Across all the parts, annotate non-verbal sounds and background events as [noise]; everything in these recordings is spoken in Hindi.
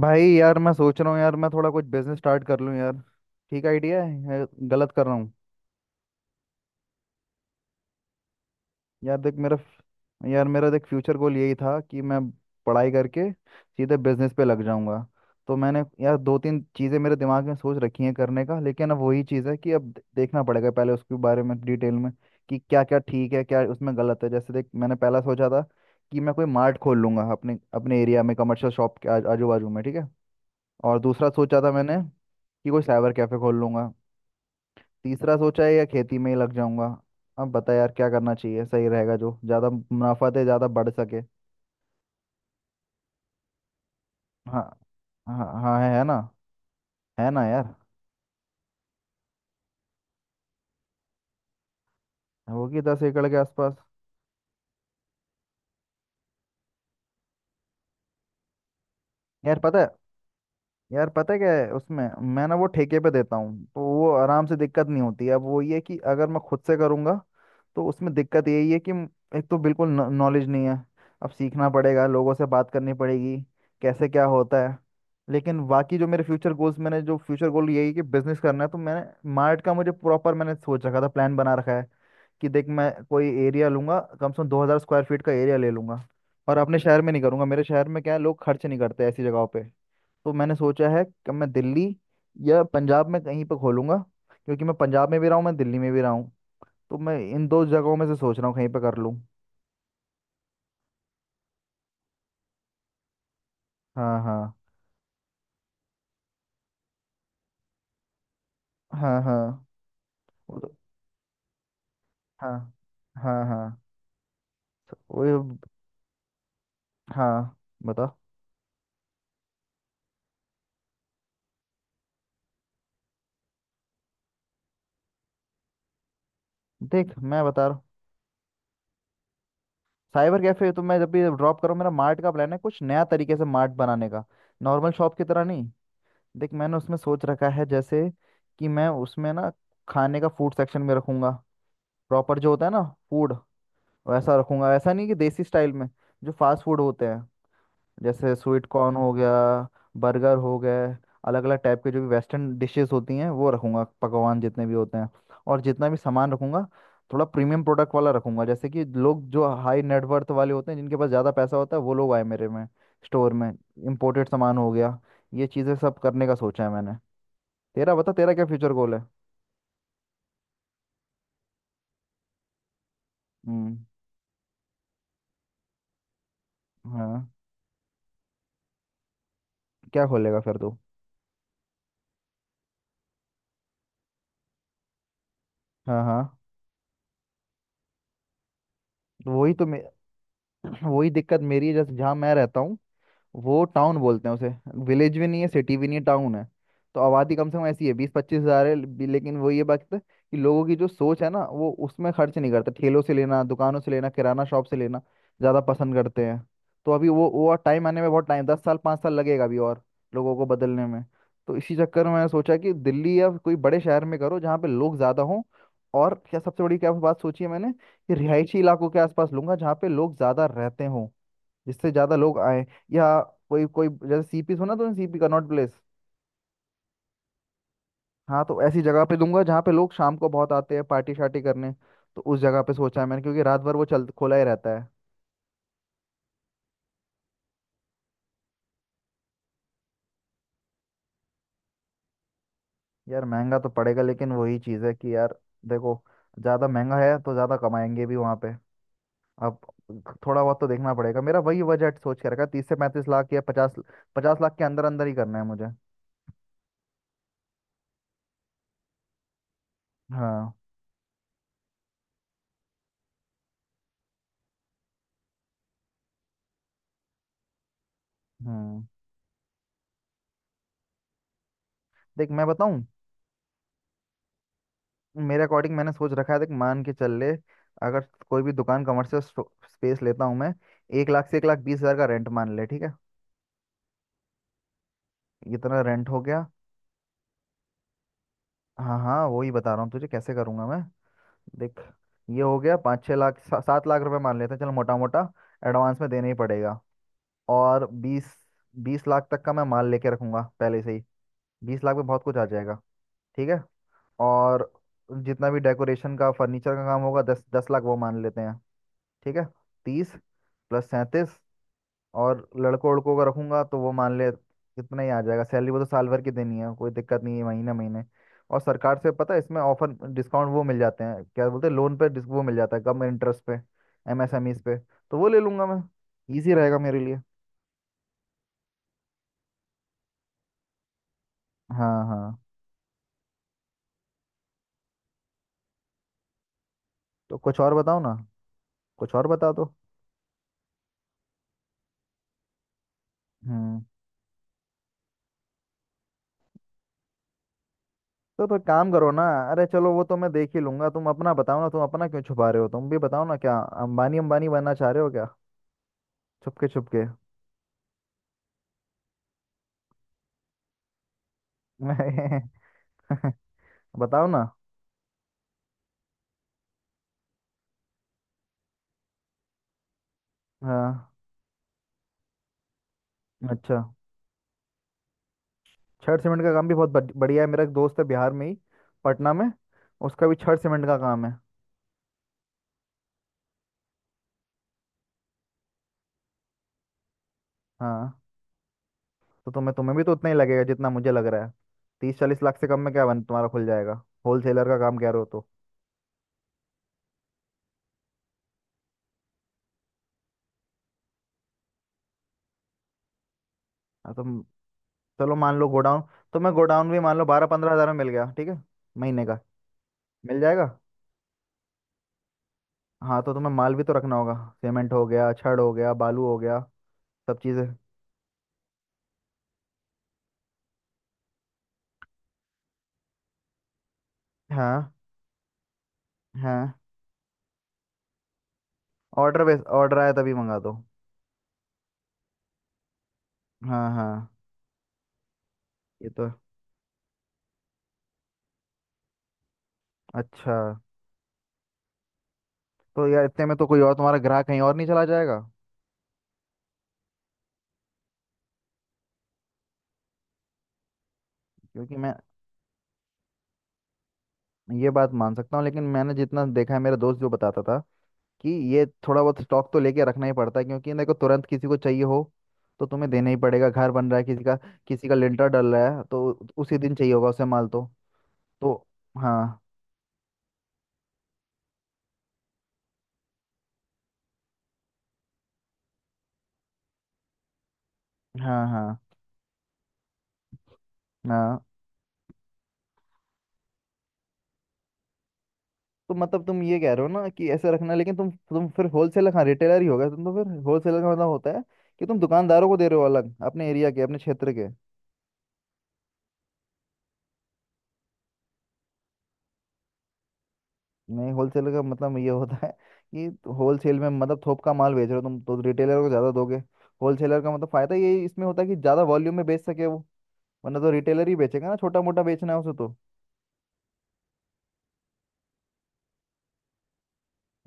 भाई यार, मैं सोच रहा हूँ यार, मैं थोड़ा कुछ बिजनेस स्टार्ट कर लूँ यार। ठीक आइडिया है या गलत कर रहा हूँ। यार देख, मेरा फ- यार मेरा देख फ्यूचर गोल यही था कि मैं पढ़ाई करके सीधे बिजनेस पे लग जाऊंगा। तो मैंने यार दो तीन चीज़ें मेरे दिमाग में सोच रखी हैं करने का, लेकिन अब वही चीज़ है कि अब देखना पड़ेगा पहले उसके बारे में डिटेल में कि क्या क्या ठीक है, क्या उसमें गलत है। जैसे देख, मैंने पहला सोचा था कि मैं कोई मार्ट खोल लूंगा अपने अपने एरिया में, कमर्शियल शॉप के आजू बाजू में, ठीक है। और दूसरा सोचा था मैंने कि कोई साइबर कैफे खोल लूंगा। तीसरा सोचा है या खेती में ही लग जाऊंगा। अब बता यार, क्या करना चाहिए, सही रहेगा, जो ज्यादा मुनाफा दे, ज्यादा बढ़ सके। हाँ। हाँ हाँ है ना। है ना यार। होगी 10 एकड़ के आसपास। यार पता है। यार पता है क्या है उसमें। मैं ना वो ठेके पे देता हूँ, तो वो आराम से, दिक्कत नहीं होती है। अब वो ये है कि अगर मैं खुद से करूँगा तो उसमें दिक्कत यही है कि एक तो बिल्कुल नॉलेज नहीं है। अब सीखना पड़ेगा, लोगों से बात करनी पड़ेगी कैसे क्या होता है। लेकिन बाकी जो मेरे फ्यूचर गोल्स, मैंने जो फ्यूचर गोल यही है कि बिजनेस करना है, तो मैंने मार्ट का मुझे प्रॉपर, मैंने सोच रखा था, प्लान बना रखा है कि देख, मैं कोई एरिया लूंगा, कम से कम 2,000 स्क्वायर फीट का एरिया ले लूंगा। और अपने शहर में नहीं करूंगा, मेरे शहर में क्या है, लोग खर्च नहीं करते ऐसी जगहों पे। तो मैंने सोचा है कि मैं दिल्ली या पंजाब में कहीं पर खोलूंगा, क्योंकि मैं पंजाब में भी रहा हूँ, मैं दिल्ली में भी रहा हूँ। तो मैं इन दो जगहों में से सोच रहा हूँ कहीं पर कर लूँ। हाँ हाँ। हाँ हाँ। वो तो- हाँ। हाँ हाँ। वो। हाँ। बता। देख मैं बता रहा हूँ। साइबर कैफे तो मैं जब भी ड्रॉप करूँ, मेरा मार्ट का प्लान है, कुछ नया तरीके से मार्ट बनाने का, नॉर्मल शॉप की तरह नहीं। देख मैंने उसमें सोच रखा है, जैसे कि मैं उसमें ना, खाने का फूड सेक्शन में रखूंगा, प्रॉपर जो होता है ना फूड, वैसा रखूंगा, ऐसा नहीं कि देसी स्टाइल में। जो फास्ट फूड होते हैं, जैसे स्वीट कॉर्न हो गया, बर्गर हो गए, अलग अलग टाइप के जो भी वेस्टर्न डिशेस होती हैं वो रखूंगा, पकवान जितने भी होते हैं। और जितना भी सामान रखूंगा, थोड़ा प्रीमियम प्रोडक्ट वाला रखूंगा, जैसे कि लोग जो हाई नेटवर्थ वाले होते हैं, जिनके पास ज़्यादा पैसा होता है, वो लोग आए मेरे में, स्टोर में। इम्पोर्टेड सामान हो गया, ये चीज़ें सब करने का सोचा है मैंने। तेरा बता, तेरा क्या फ्यूचर गोल है। हम्म। हाँ। क्या खोलेगा फिर तू। हाँ हाँ। वही तो मे- वही दिक्कत मेरी है, जैसे जहाँ मैं रहता हूँ, वो टाउन बोलते हैं उसे, विलेज भी नहीं है, सिटी भी नहीं है, टाउन है। तो आबादी कम से कम ऐसी है 20-25 हज़ार लेकिन वो ये बात है कि लोगों की जो सोच है ना, वो उसमें खर्च नहीं करते, ठेलों से लेना, दुकानों से लेना, किराना शॉप से लेना ज़्यादा पसंद करते हैं। तो अभी वो और टाइम आने में बहुत टाइम, 10 साल 5 साल लगेगा अभी और लोगों को बदलने में। तो इसी चक्कर में मैंने सोचा कि दिल्ली या कोई बड़े शहर में करो, जहाँ पे लोग ज़्यादा हों। और क्या सबसे बड़ी क्या बात सोची है मैंने, कि रिहायशी इलाकों के आसपास लूंगा, जहाँ पे लोग ज़्यादा रहते हों, जिससे ज्यादा लोग आए। या कोई कोई, जैसे CP सुना, तो CP कनॉट प्लेस। हाँ, तो ऐसी जगह पे दूंगा जहाँ पे लोग शाम को बहुत आते हैं पार्टी शार्टी करने, तो उस जगह पे सोचा है मैंने, क्योंकि रात भर वो चल, खुला ही रहता है। यार महंगा तो पड़ेगा, लेकिन वही चीज़ है कि यार देखो, ज़्यादा महंगा है तो ज़्यादा कमाएंगे भी वहाँ पे। अब थोड़ा बहुत तो देखना पड़ेगा, मेरा वही बजट सोच के रखा, 30 से 35 लाख या 50, 50 लाख के अंदर अंदर ही करना है मुझे। हाँ। हम्म। देख मैं बताऊँ, मेरे अकॉर्डिंग मैंने सोच रखा है, देख मान के चल ले, अगर कोई भी दुकान कमर्शियल स्पेस लेता हूँ मैं, 1 लाख से 1 लाख 20 हज़ार का रेंट मान ले, ठीक है। इतना रेंट हो गया। हाँ हाँ, वही बता रहा हूँ तुझे कैसे करूँगा मैं। देख, ये हो गया 5-6 लाख, 7 लाख रुपए मान लेते हैं, चल मोटा मोटा। एडवांस में देना ही पड़ेगा। और 20, 20 लाख तक का मैं माल लेके रखूँगा पहले से ही। 20 लाख में बहुत कुछ आ जाएगा। ठीक है। और जितना भी डेकोरेशन का, फर्नीचर का काम होगा, 10-10 लाख वो मान लेते हैं, ठीक है। 30 प्लस 37। और लड़कों लड़कों का रखूंगा तो वो मान ले कितना ही आ जाएगा सैलरी, वो तो साल भर की देनी है, कोई दिक्कत नहीं है, महीने महीने। और सरकार से पता है, इसमें ऑफर डिस्काउंट वो मिल जाते हैं, क्या बोलते हैं, लोन पे वो मिल जाता है कम इंटरेस्ट पे, MSMEs पे। तो वो ले लूंगा मैं, इजी रहेगा मेरे लिए। हाँ हाँ। तो कुछ और बताओ ना, कुछ और बता दो। हम्म। तो काम करो ना। अरे चलो, वो तो मैं देख ही लूंगा, तुम अपना बताओ ना, तुम अपना क्यों छुपा रहे हो, तुम भी बताओ ना, क्या अंबानी अंबानी बनना चाह रहे हो क्या, छुपके छुपके। [laughs] बताओ ना। हाँ। अच्छा, छड़ सीमेंट का काम भी बहुत बढ़- बढ़िया है। मेरा एक दोस्त है बिहार में ही, पटना में, उसका भी छड़ सीमेंट का काम है। हाँ, तो तुम्हें तुम्हें भी तो उतना ही लगेगा जितना मुझे लग रहा है। 30-40 लाख से कम में क्या बन, तुम्हारा खुल जाएगा, होलसेलर का काम कह रहे हो तो। हाँ। तो चलो मान लो गोडाउन, तो मैं गोडाउन भी मान लो 12-15 हज़ार में मिल गया, ठीक है, महीने का मिल जाएगा। हाँ तो तुम्हें माल भी तो रखना होगा, सीमेंट हो गया, छड़ हो गया, बालू हो गया, सब चीज़ें। हाँ हाँ, ऑर्डर बेस, ऑर्डर आया तभी मंगा दो। हाँ हाँ। ये तो है। अच्छा। तो यार इतने में तो कोई और तुम्हारा ग्राहक कहीं और नहीं चला जाएगा? क्योंकि मैं, ये बात मान सकता हूँ, लेकिन मैंने जितना देखा है, मेरा दोस्त जो बताता था कि ये थोड़ा बहुत स्टॉक तो लेके रखना ही पड़ता है, क्योंकि देखो तुरंत किसी को चाहिए हो तो तुम्हें देना ही पड़ेगा, घर बन रहा है किसी का, किसी का लिंटर डल रहा है तो उसी दिन चाहिए होगा उसे माल तो। तो। हाँ हाँ। हाँ हाँ। तो मतलब तुम ये कह रहे हो ना कि ऐसे रखना, लेकिन तुम फिर होलसेलर, हाँ रिटेलर ही होगा तुम तो, फिर होलसेलर का मतलब होता है कि तुम दुकानदारों को दे रहे हो अलग, अपने एरिया के, अपने क्षेत्र के। नहीं, होलसेल का मतलब ये होता है कि होलसेल में मतलब थोक का माल बेच रहे हो तुम, तो रिटेलर को ज़्यादा दोगे। होलसेलर का मतलब फ़ायदा ये इसमें होता है कि ज़्यादा वॉल्यूम में बेच सके वो, वरना तो रिटेलर ही बेचेगा ना छोटा मोटा बेचना है उसे तो।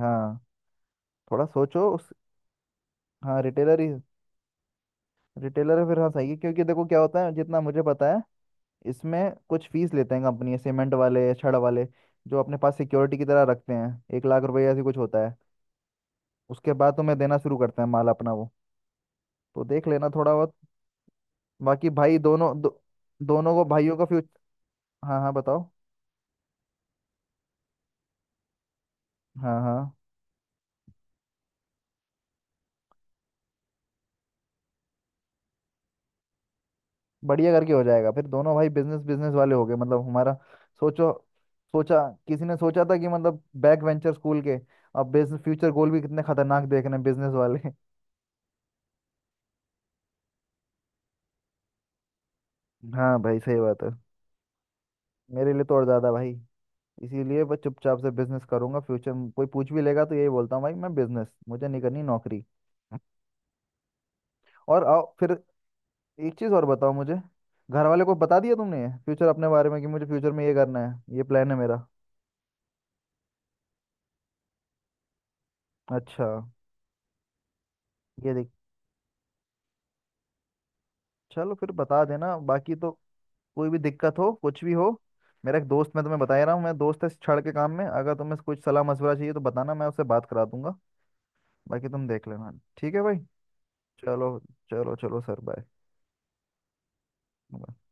हाँ। थोड़ा सोचो उस। हाँ, रिटेलर ही। रिटेलर है फिर, हाँ सही है, क्योंकि देखो क्या होता है, जितना मुझे पता है इसमें, कुछ फीस लेते हैं कंपनी सीमेंट वाले, छड़ वाले, जो अपने पास सिक्योरिटी की तरह रखते हैं, 1 लाख रुपए ऐसी कुछ होता है। उसके बाद तुम्हें देना शुरू करते हैं माल अपना वो, तो देख लेना थोड़ा बहुत। बाकी भाई दोनों को, भाइयों का फ्यूचर। हाँ हाँ, बताओ। हाँ हाँ, बढ़िया, करके हो जाएगा, फिर दोनों भाई बिजनेस, बिजनेस वाले हो गए, मतलब हमारा। सोचो। सोचा किसी ने सोचा था कि मतलब बैक वेंचर स्कूल के, अब बिजनेस फ्यूचर गोल भी कितने खतरनाक देख रहे हैं बिजनेस वाले। [laughs] हाँ भाई सही बात है। मेरे लिए तो और ज्यादा भाई, इसीलिए बस चुपचाप से बिजनेस करूंगा फ्यूचर में। कोई पूछ भी लेगा तो यही बोलता हूँ भाई मैं बिजनेस, मुझे नहीं करनी नौकरी। और आओ फिर, एक चीज और बताओ मुझे, घर वाले को बता दिया तुमने फ्यूचर अपने बारे में कि मुझे फ्यूचर में ये करना है, ये प्लान है मेरा? अच्छा। ये देख। चलो फिर, बता देना। बाकी तो कोई भी दिक्कत हो, कुछ भी हो, मेरा एक दोस्त, मैं तुम्हें बता ही रहा हूँ, मैं दोस्त है इस छड़ के काम में, अगर तुम्हें कुछ सलाह मशवरा चाहिए तो बताना, मैं उससे बात करा दूंगा, बाकी तुम देख लेना। ठीक है भाई। चलो, चलो चलो सर। बाय।